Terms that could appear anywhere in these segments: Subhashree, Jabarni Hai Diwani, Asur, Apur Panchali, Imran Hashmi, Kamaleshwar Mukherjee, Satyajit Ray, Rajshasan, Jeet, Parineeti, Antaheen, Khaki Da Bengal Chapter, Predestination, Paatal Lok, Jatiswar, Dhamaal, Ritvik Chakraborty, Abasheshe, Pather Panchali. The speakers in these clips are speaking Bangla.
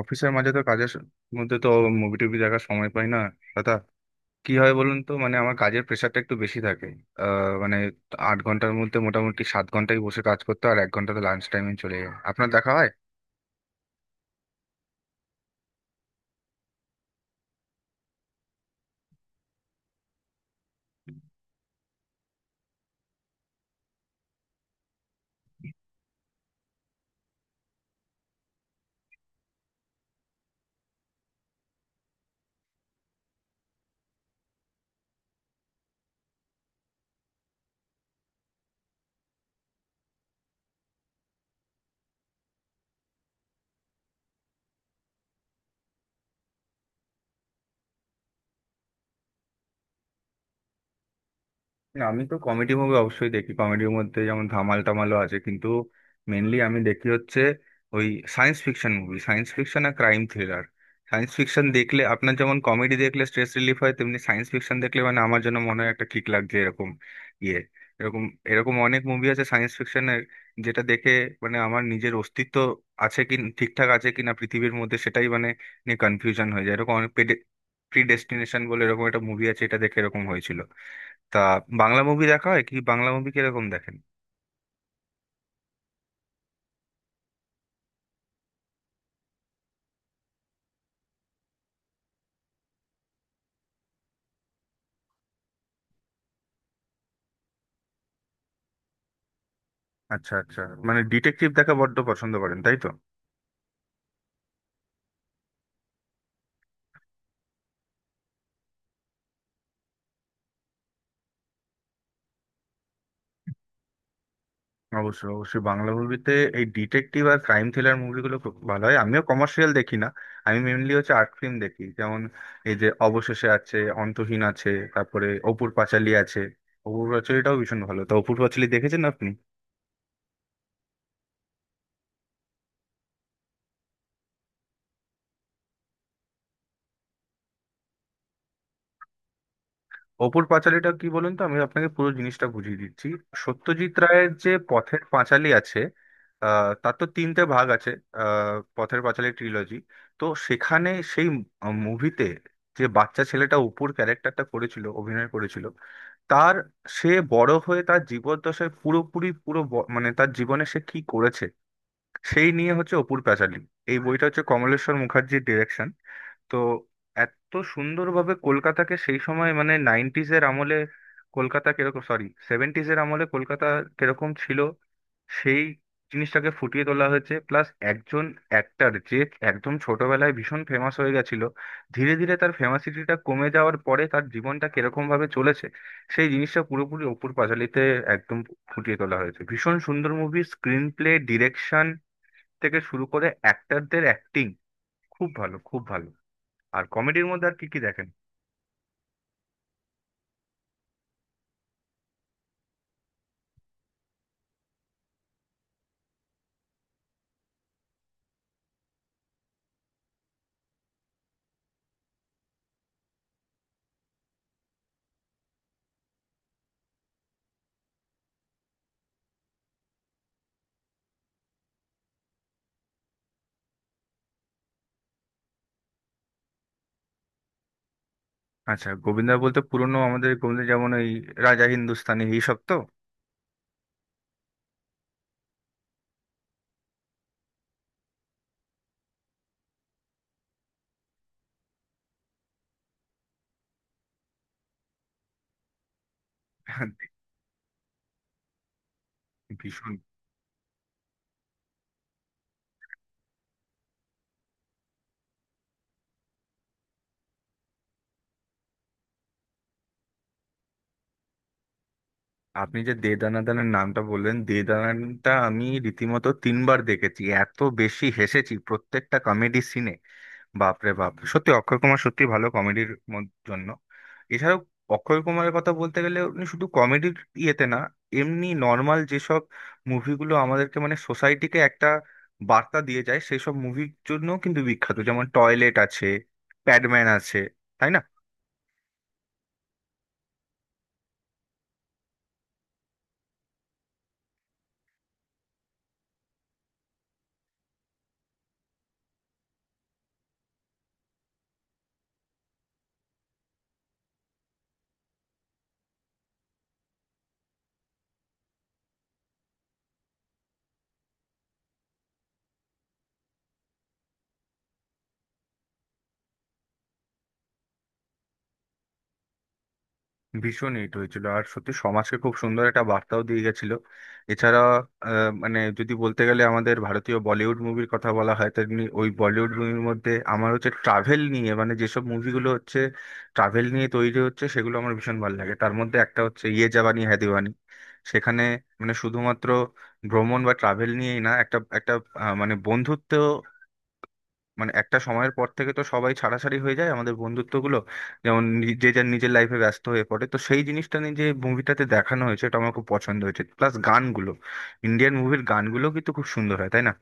অফিসের মাঝে তো মধ্যে তো মুভি টুভি দেখার সময় পাই না দাদা। কি হয় বলুন তো, মানে আমার কাজের প্রেশারটা একটু বেশি থাকে। আহ, মানে আট ঘন্টার মধ্যে মোটামুটি সাত ঘন্টাই বসে কাজ করতে হয়, আর এক ঘন্টা তো লাঞ্চ টাইমে চলে যায়, আপনার দেখা হয়। না আমি তো কমেডি মুভি অবশ্যই দেখি, কমেডির মধ্যে যেমন ধামাল টামালও আছে, কিন্তু মেনলি আমি দেখি হচ্ছে ওই science fiction movie. Science fiction আর ক্রাইম থ্রিলার। সায়েন্স ফিকশন দেখলে আপনার যেমন কমেডি দেখলে স্ট্রেস রিলিফ হয়, তেমনি সায়েন্স ফিকশন দেখলে মানে আমার জন্য মনে হয় একটা কিক লাগছে এরকম ইয়ে এরকম এরকম অনেক মুভি আছে সায়েন্স ফিকশনের, যেটা দেখে মানে আমার নিজের অস্তিত্ব আছে কি, ঠিকঠাক আছে কিনা পৃথিবীর মধ্যে, সেটাই মানে নিয়ে কনফিউশন হয়ে যায়। এরকম অনেক, প্রিডেস্টিনেশন বলে এরকম একটা মুভি আছে, এটা দেখে এরকম হয়েছিল। তা বাংলা মুভি দেখা হয় কি? বাংলা মুভি কিরকম দেখেন? আচ্ছা আচ্ছা, মানে ডিটেকটিভ দেখা বড্ড পছন্দ করেন তাই তো? অবশ্যই অবশ্যই, বাংলা মুভিতে এই ডিটেকটিভ আর ক্রাইম থ্রিলার মুভিগুলো খুব ভালো হয়। আমিও কমার্শিয়াল দেখি না, আমি মেনলি হচ্ছে আর্ট ফিল্ম দেখি, যেমন এই যে অবশেষে আছে, অন্তহীন আছে, তারপরে অপুর পাঁচালী আছে। অপুর পাঁচালীটাও ভীষণ ভালো, তো অপুর পাঁচালী দেখেছেন আপনি? অপুর পাঁচালীটা কি বলুন তো, আমি আপনাকে পুরো জিনিসটা বুঝিয়ে দিচ্ছি। সত্যজিৎ রায়ের যে পথের পাঁচালী আছে, তার তো তিনটে ভাগ আছে, পথের পাঁচালী ট্রিলজি। তো সেখানে সেই মুভিতে যে বাচ্চা ছেলেটা অপুর ক্যারেক্টারটা করেছিল, অভিনয় করেছিল, তার সে বড় হয়ে তার জীবদ্দশায় পুরোপুরি মানে তার জীবনে সে কি করেছে সেই নিয়ে হচ্ছে অপুর পাঁচালী। এই বইটা হচ্ছে কমলেশ্বর মুখার্জির ডিরেকশন। তো এত সুন্দরভাবে কলকাতাকে সেই সময় মানে নাইনটিজ এর আমলে কলকাতা কিরকম, সরি সেভেন্টিজ এর আমলে কলকাতা কিরকম ছিল সেই জিনিসটাকে ফুটিয়ে তোলা হয়েছে। প্লাস একজন অ্যাক্টর যে একদম ছোটবেলায় ভীষণ ফেমাস হয়ে গেছিল, ধীরে ধীরে তার ফেমাসিটিটা কমে যাওয়ার পরে তার জীবনটা কিরকম ভাবে চলেছে সেই জিনিসটা পুরোপুরি অপুর পাঁচালীতে একদম ফুটিয়ে তোলা হয়েছে। ভীষণ সুন্দর মুভি, স্ক্রিন প্লে, ডিরেকশন থেকে শুরু করে অ্যাক্টরদের অ্যাক্টিং খুব ভালো, খুব ভালো। আর কমেডির মধ্যে আর কি কি দেখেন? আচ্ছা, গোবিন্দা বলতে পুরনো আমাদের গোবিন্দ, যেমন ওই রাজা হিন্দুস্তানি এইসব তো? ভীষণ। আপনি যে দে দানাদানের নামটা বললেন, দে দানাটা আমি রীতিমতো তিনবার দেখেছি, এত বেশি হেসেছি প্রত্যেকটা কমেডি সিনে। বাপরে বাপ, সত্যি অক্ষয় কুমার সত্যি ভালো কমেডির জন্য। এছাড়াও অক্ষয় কুমারের কথা বলতে গেলে উনি শুধু কমেডির ইয়েতে না, এমনি নর্মাল যেসব মুভিগুলো আমাদেরকে মানে সোসাইটিকে একটা বার্তা দিয়ে যায় সেই সব মুভির জন্য কিন্তু বিখ্যাত, যেমন টয়লেট আছে, প্যাডম্যান আছে, তাই না? ভীষণ হিট হয়েছিল আর সত্যি সমাজকে খুব সুন্দর একটা বার্তাও দিয়ে গেছিল। এছাড়া মানে যদি বলতে গেলে আমাদের ভারতীয় বলিউড মুভির কথা বলা হয়, তেমনি ওই বলিউড মুভির মধ্যে আমার হচ্ছে ট্রাভেল নিয়ে মানে যেসব মুভিগুলো হচ্ছে ট্রাভেল নিয়ে তৈরি হচ্ছে সেগুলো আমার ভীষণ ভালো লাগে। তার মধ্যে একটা হচ্ছে ইয়ে জাবানি হ্যায় দিওয়ানি। সেখানে মানে শুধুমাত্র ভ্রমণ বা ট্রাভেল নিয়েই না, একটা একটা মানে বন্ধুত্ব, মানে একটা সময়ের পর থেকে তো সবাই ছাড়াছাড়ি হয়ে যায় আমাদের বন্ধুত্বগুলো, যে যার নিজের লাইফে ব্যস্ত হয়ে পড়ে, তো সেই জিনিসটা নিয়ে যে মুভিটাতে দেখানো হয়েছে এটা আমার খুব পছন্দ হয়েছে। প্লাস গানগুলো, ইন্ডিয়ান মুভির গানগুলো কিন্তু খুব সুন্দর হয় তাই না?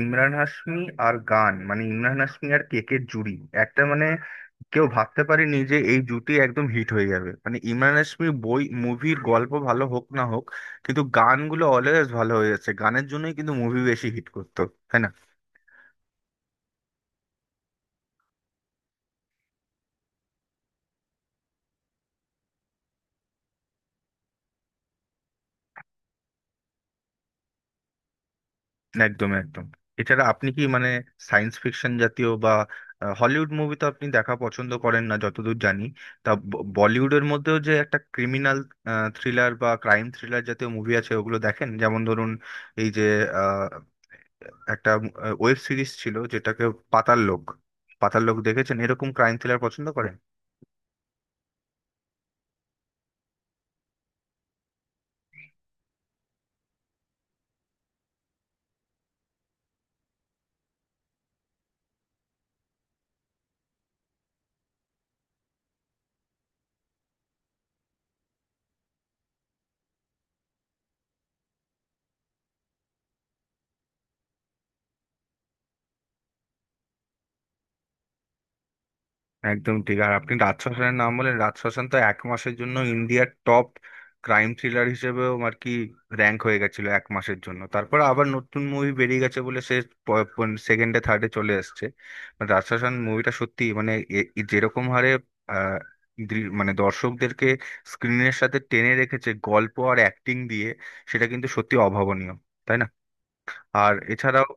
ইমরান হাশমি, আর গান মানে ইমরান হাশমি আর কেকের জুড়ি একটা, মানে কেউ ভাবতে পারেনি যে এই জুটি একদম হিট হয়ে যাবে। মানে ইমরান হাশমি বই মুভির গল্প ভালো হোক না হোক, কিন্তু গানগুলো অলওয়েজ ভালো হয়ে যাচ্ছে, গানের জন্যই কিন্তু মুভি বেশি হিট করতো, তাই না? একদম একদম। এছাড়া আপনি কি মানে সায়েন্স ফিকশন জাতীয় বা হলিউড মুভি তো আপনি দেখা পছন্দ করেন না যতদূর জানি। বলিউডের মধ্যেও যে একটা ক্রিমিনাল থ্রিলার বা ক্রাইম থ্রিলার জাতীয় মুভি আছে ওগুলো দেখেন, যেমন ধরুন এই যে আহ, একটা ওয়েব সিরিজ ছিল যেটাকে পাতাল লোক, পাতাল লোক দেখেছেন? এরকম ক্রাইম থ্রিলার পছন্দ করেন? একদম ঠিক। আর আপনি রাজশাসনের নাম বলেন, রাজশাসন তো এক মাসের জন্য ইন্ডিয়ার টপ ক্রাইম থ্রিলার হিসেবেও আর কি র্যাঙ্ক হয়ে গেছিল এক মাসের জন্য, তারপর আবার নতুন মুভি বেরিয়ে গেছে বলে সেকেন্ডে থার্ডে চলে এসছে। But রাজশাসন মুভিটা সত্যি মানে এ যেরকম হারে আহ, মানে দর্শকদেরকে স্ক্রিনের সাথে টেনে রেখেছে গল্প আর অ্যাক্টিং দিয়ে, সেটা কিন্তু সত্যি অভাবনীয়, তাই না? আর এছাড়াও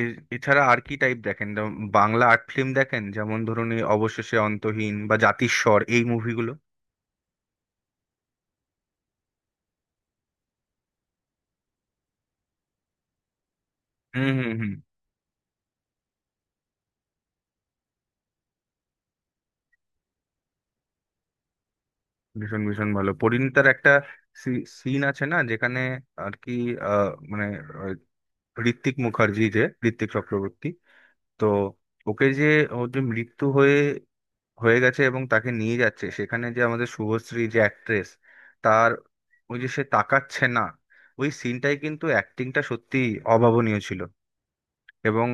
এছাড়া আর কি টাইপ দেখেন, যেমন বাংলা আর্ট ফিল্ম দেখেন, যেমন ধরুন এই অবশেষে, অন্তহীন বা জাতিস্বর এই মুভিগুলো? হুম হুম হুম। ভীষণ ভীষণ ভালো। পরিণীতার একটা সিন আছে না, যেখানে আর কি মানে আহ, ঋত্বিক মুখার্জি যে, ঋত্বিক চক্রবর্তী, তো ওকে যে ওর যে মৃত্যু হয়ে হয়ে গেছে এবং তাকে নিয়ে যাচ্ছে সেখানে যে আমাদের শুভশ্রী যে অ্যাক্ট্রেস, তার ওই যে সে তাকাচ্ছে না, ওই সিনটাই কিন্তু অ্যাক্টিংটা সত্যি অভাবনীয় ছিল। এবং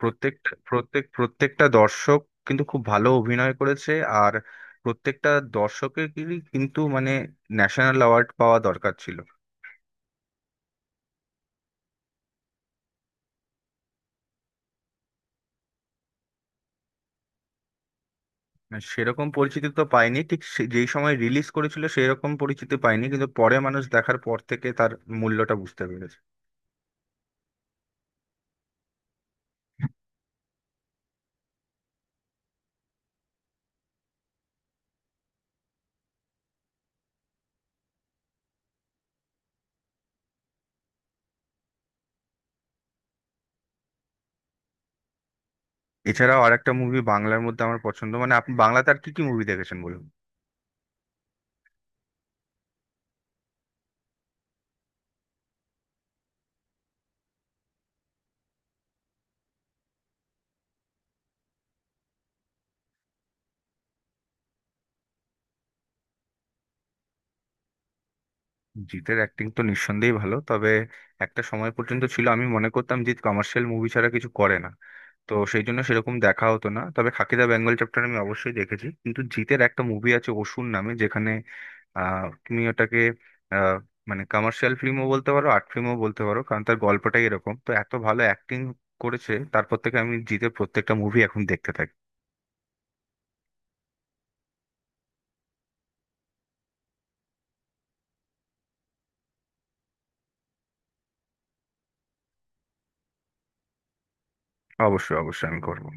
প্রত্যেকটা দর্শক কিন্তু খুব ভালো অভিনয় করেছে, আর প্রত্যেকটা দর্শকেরই কিন্তু মানে ন্যাশনাল অ্যাওয়ার্ড পাওয়া দরকার ছিল। মানে সেরকম পরিচিতি তো পাইনি, ঠিক যেই সময় রিলিজ করেছিল সেই রকম পরিচিতি পাইনি, কিন্তু পরে মানুষ দেখার পর থেকে তার মূল্যটা বুঝতে পেরেছে। এছাড়াও আরেকটা মুভি বাংলার মধ্যে আমার পছন্দ, মানে আপনি বাংলাতে আর কি কি মুভি দেখেছেন বলুন। জিতের অ্যাক্টিং তো নিঃসন্দেহেই ভালো, তবে একটা সময় পর্যন্ত ছিল আমি মনে করতাম জিৎ কমার্শিয়াল মুভি ছাড়া কিছু করে না, তো সেই জন্য সেরকম দেখা হতো না। তবে খাকি দা বেঙ্গল চ্যাপ্টার আমি অবশ্যই দেখেছি, কিন্তু জিতের একটা মুভি আছে অসুর নামে, যেখানে আহ তুমি ওটাকে আহ মানে কমার্শিয়াল ফিল্মও বলতে পারো, আর্ট ফিল্মও বলতে পারো, কারণ তার গল্পটাই এরকম, তো এত ভালো অ্যাক্টিং করেছে তারপর থেকে আমি জিতের প্রত্যেকটা মুভি এখন দেখতে থাকি। অবশ্যই অবশ্যই আমি করবো।